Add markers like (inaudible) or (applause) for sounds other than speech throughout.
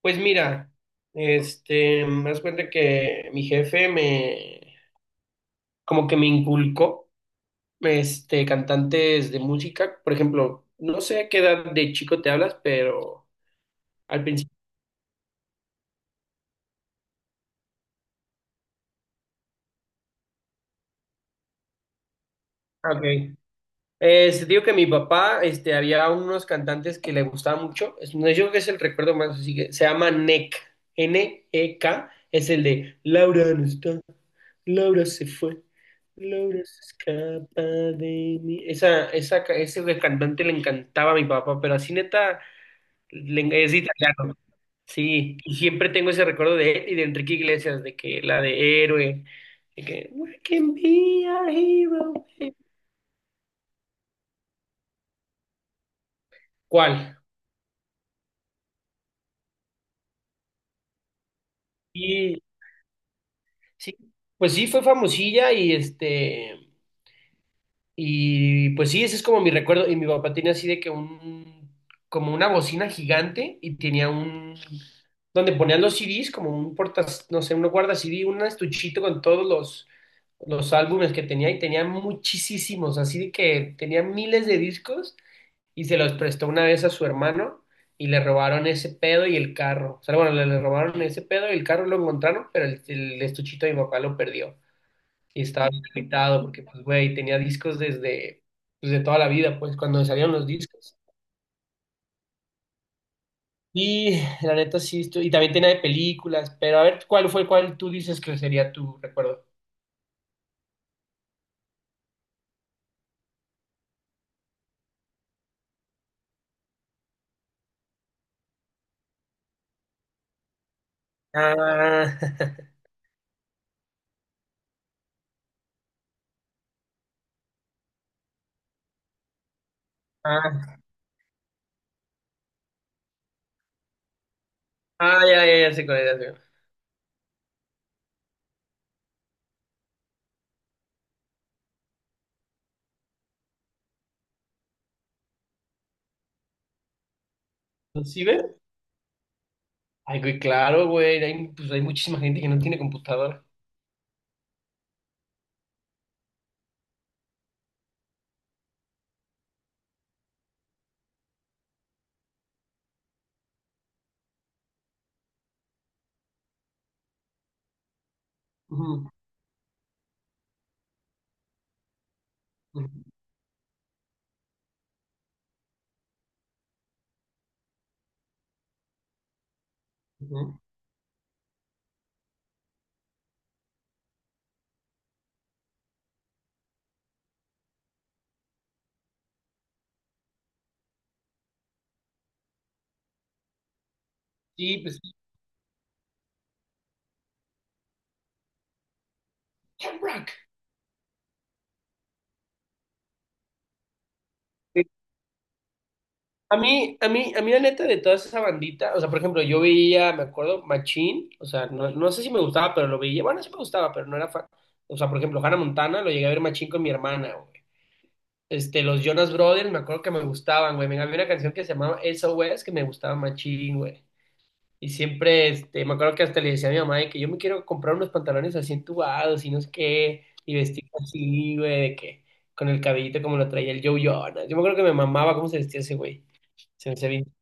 Pues mira, me das cuenta que mi jefe me, como que me inculcó, cantantes de música, por ejemplo, no sé a qué edad de chico te hablas, pero al principio, ok. Se digo que mi papá, había unos cantantes que le gustaba mucho. No, yo creo que es el recuerdo más, así que se llama NEK, N E K, es el de Laura no está, Laura se fue, Laura se escapa de mí. Ese de cantante le encantaba a mi papá, pero así neta, es italiano. Sí, y siempre tengo ese recuerdo de él y de Enrique Iglesias, de que la de Héroe, de que we can be a hero. ¿Cuál? Sí, pues sí, fue famosilla y y pues sí, ese es como mi recuerdo. Y mi papá tenía así de que un, como una bocina gigante y tenía un, donde ponían los CDs, como un portas, no sé, uno guarda CD, un estuchito con todos los álbumes que tenía y tenía muchísimos, así de que tenía miles de discos y se los prestó una vez a su hermano y le robaron ese pedo y el carro. O sea, bueno, le robaron ese pedo y el carro lo encontraron, pero el estuchito de mi papá lo perdió y estaba bien limitado porque, pues, güey, tenía discos desde, pues, de toda la vida, pues, cuando salieron los discos. Y la neta sí, y también tenía de películas, pero a ver, ¿cuál fue, cuál tú dices que sería tu recuerdo? Ah, (laughs) ah, ya, ya, ya sé cuál es, ya sé cuál es. ¿Sí ves? Ay, güey, claro, güey, hay, pues, hay muchísima gente que no tiene computadora. Ujú, ujú, ujú. Sí, pues, sí. Jamrock. A mí la neta de toda esa bandita, o sea, por ejemplo, yo veía, me acuerdo, Machín, o sea, no, no sé si me gustaba, pero lo veía, bueno, sí me gustaba, pero no era fan. O sea, por ejemplo, Hannah Montana, lo llegué a ver Machín con mi hermana, güey. Los Jonas Brothers, me acuerdo que me gustaban, güey. Me había una canción que se llamaba SOS que me gustaba Machín, güey. Y siempre, me acuerdo que hasta le decía a mi mamá de que yo me quiero comprar unos pantalones así entubados y no sé qué, y vestir así, güey, de que con el cabellito como lo traía el Joe Jonas. Yo me acuerdo que me mamaba cómo se vestía ese güey. Se me hacía bien.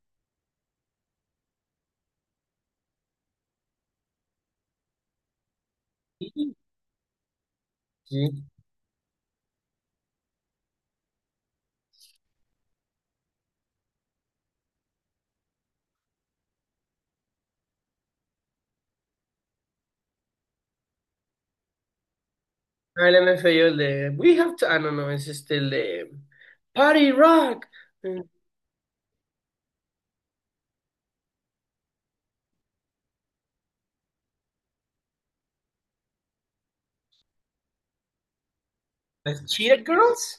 Sí. Ah, el MFAO, el de we have to. Ah, no, no, es el de Party Rock. eh, Las Cheetah Girls.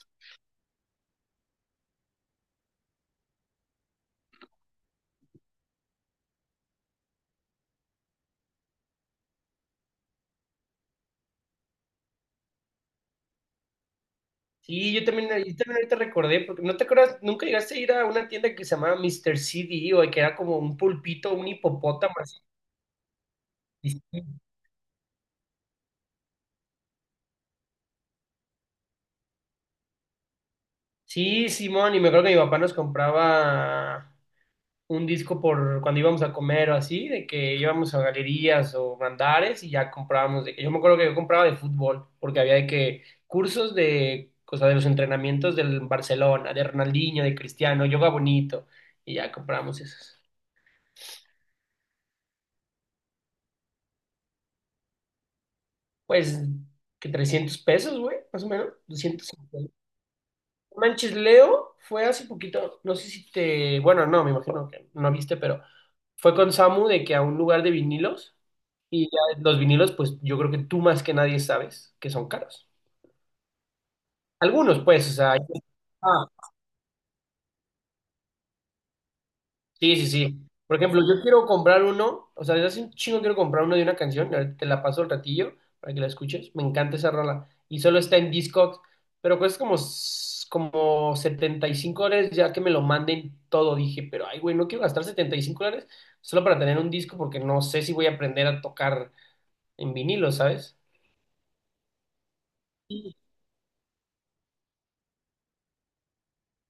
Sí, yo también ahorita recordé, porque no te acuerdas, nunca llegaste a ir a una tienda que se llamaba Mr. CD o que era como un pulpito, un hipopótamo así. Sí, Simón, y me acuerdo que mi papá nos compraba un disco por cuando íbamos a comer o así, de que íbamos a galerías o andares y ya comprábamos. Yo me acuerdo que yo compraba de fútbol, porque había de que cursos de, o sea, de los entrenamientos del Barcelona, de Ronaldinho, de Cristiano, yoga bonito, y ya comprábamos esos. Pues, que 300 pesos, güey, más o menos, 200. No manches, Leo fue hace poquito, no sé si te, bueno, no, me imagino que no viste, pero fue con Samu de que a un lugar de vinilos y ya los vinilos, pues yo creo que tú más que nadie sabes que son caros. Algunos, pues, o sea, hay- Sí, sí, sí. Por ejemplo, yo quiero comprar uno, o sea, desde hace un chingo quiero comprar uno de una canción, ahorita te la paso al ratillo para que la escuches, me encanta esa rola, y solo está en Discogs, pero cuesta como, como 75 dólares ya que me lo manden todo, dije, pero ay, güey, no quiero gastar 75 dólares solo para tener un disco porque no sé si voy a aprender a tocar en vinilo, ¿sabes? Y-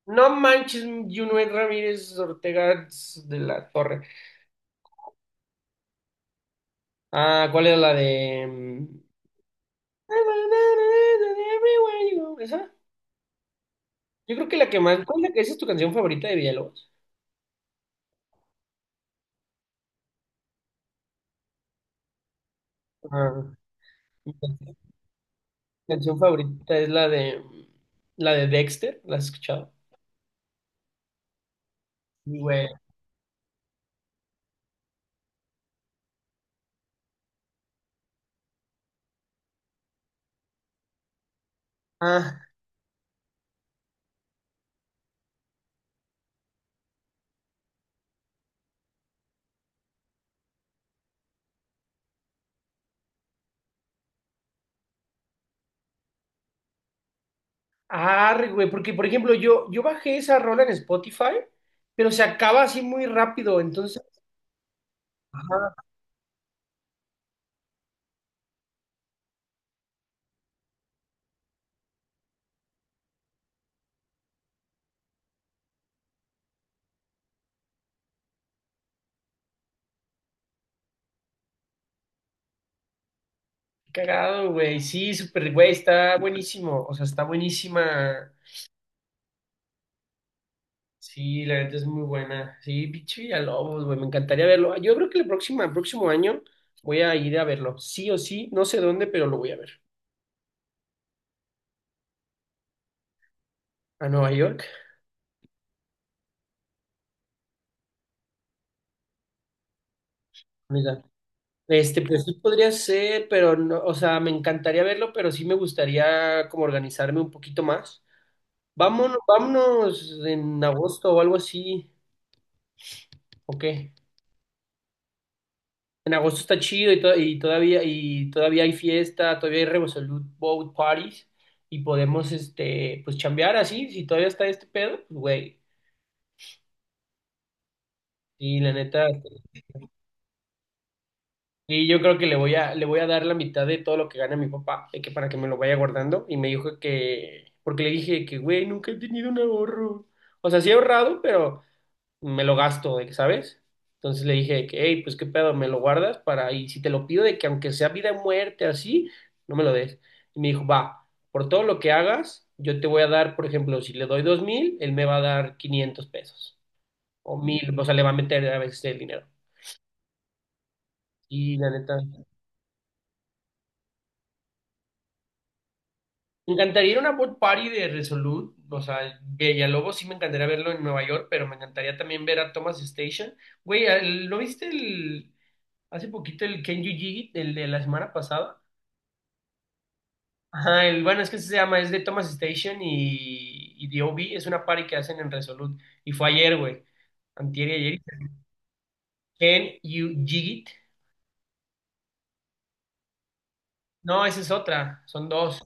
No manches, Junuel Ramírez Ortega de la Torre. Ah, ¿cuál era la de...? Everywhere you go. Esa. Yo creo que la que más. ¿Cuál es la que esa es tu canción favorita de Villalobos? Ah, mi can- canción favorita es la de. La de Dexter. ¿La has escuchado? Sí, güey. Ah, arre, güey. Porque, por ejemplo, yo bajé esa rola en Spotify, pero se acaba así muy rápido. Entonces. Ajá. Qué cagado, güey. Sí, súper, güey. Está buenísimo. O sea, está buenísima. Sí, la neta es muy buena. Sí, pinche Villalobos, güey, me encantaría verlo. Yo creo que el próximo año voy a ir a verlo, sí o sí, no sé dónde, pero lo voy a ver. A Nueva York, mira. Pues sí podría ser, pero no, o sea, me encantaría verlo, pero sí me gustaría como organizarme un poquito más. Vámonos, vámonos en agosto o algo así, ¿o qué? En agosto está chido y, y todavía hay fiesta, todavía hay Revolut Boat Parties y podemos pues chambear así, si todavía está este pedo, pues güey. Y la neta, y yo creo que le voy a dar la mitad de todo lo que gana mi papá, de que para que me lo vaya guardando y me dijo que porque le dije que güey, nunca he tenido un ahorro. O sea, sí he ahorrado, pero me lo gasto, de que, ¿sabes? Entonces le dije de que, hey, pues qué pedo, me lo guardas para, y si te lo pido de que aunque sea vida o muerte, así, no me lo des. Y me dijo, va, por todo lo que hagas, yo te voy a dar, por ejemplo, si le doy 2.000, él me va a dar 500 pesos, o 1.000, o sea, le va a meter a veces el dinero. Y la neta, me encantaría ir a una board party de Resolute, o sea, Villalobos sí me encantaría verlo en Nueva York, pero me encantaría también ver a Thomas Station. Güey, ¿lo viste el, hace poquito el Ken Yu el de la semana pasada? Ajá, bueno, es que se llama, es de Thomas Station y The OB, es una party que hacen en Resolute. Y fue ayer, güey. Antier y ayer. Can you jig it? No, esa es otra, son dos.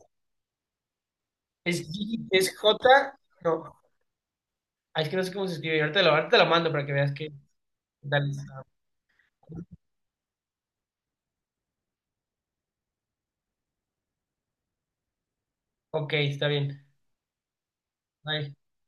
Es jig it, es J, no, ah, es que no sé cómo se escribe. Ahorita te lo mando para que veas que. Dale, está. Ok, está bien. Bye.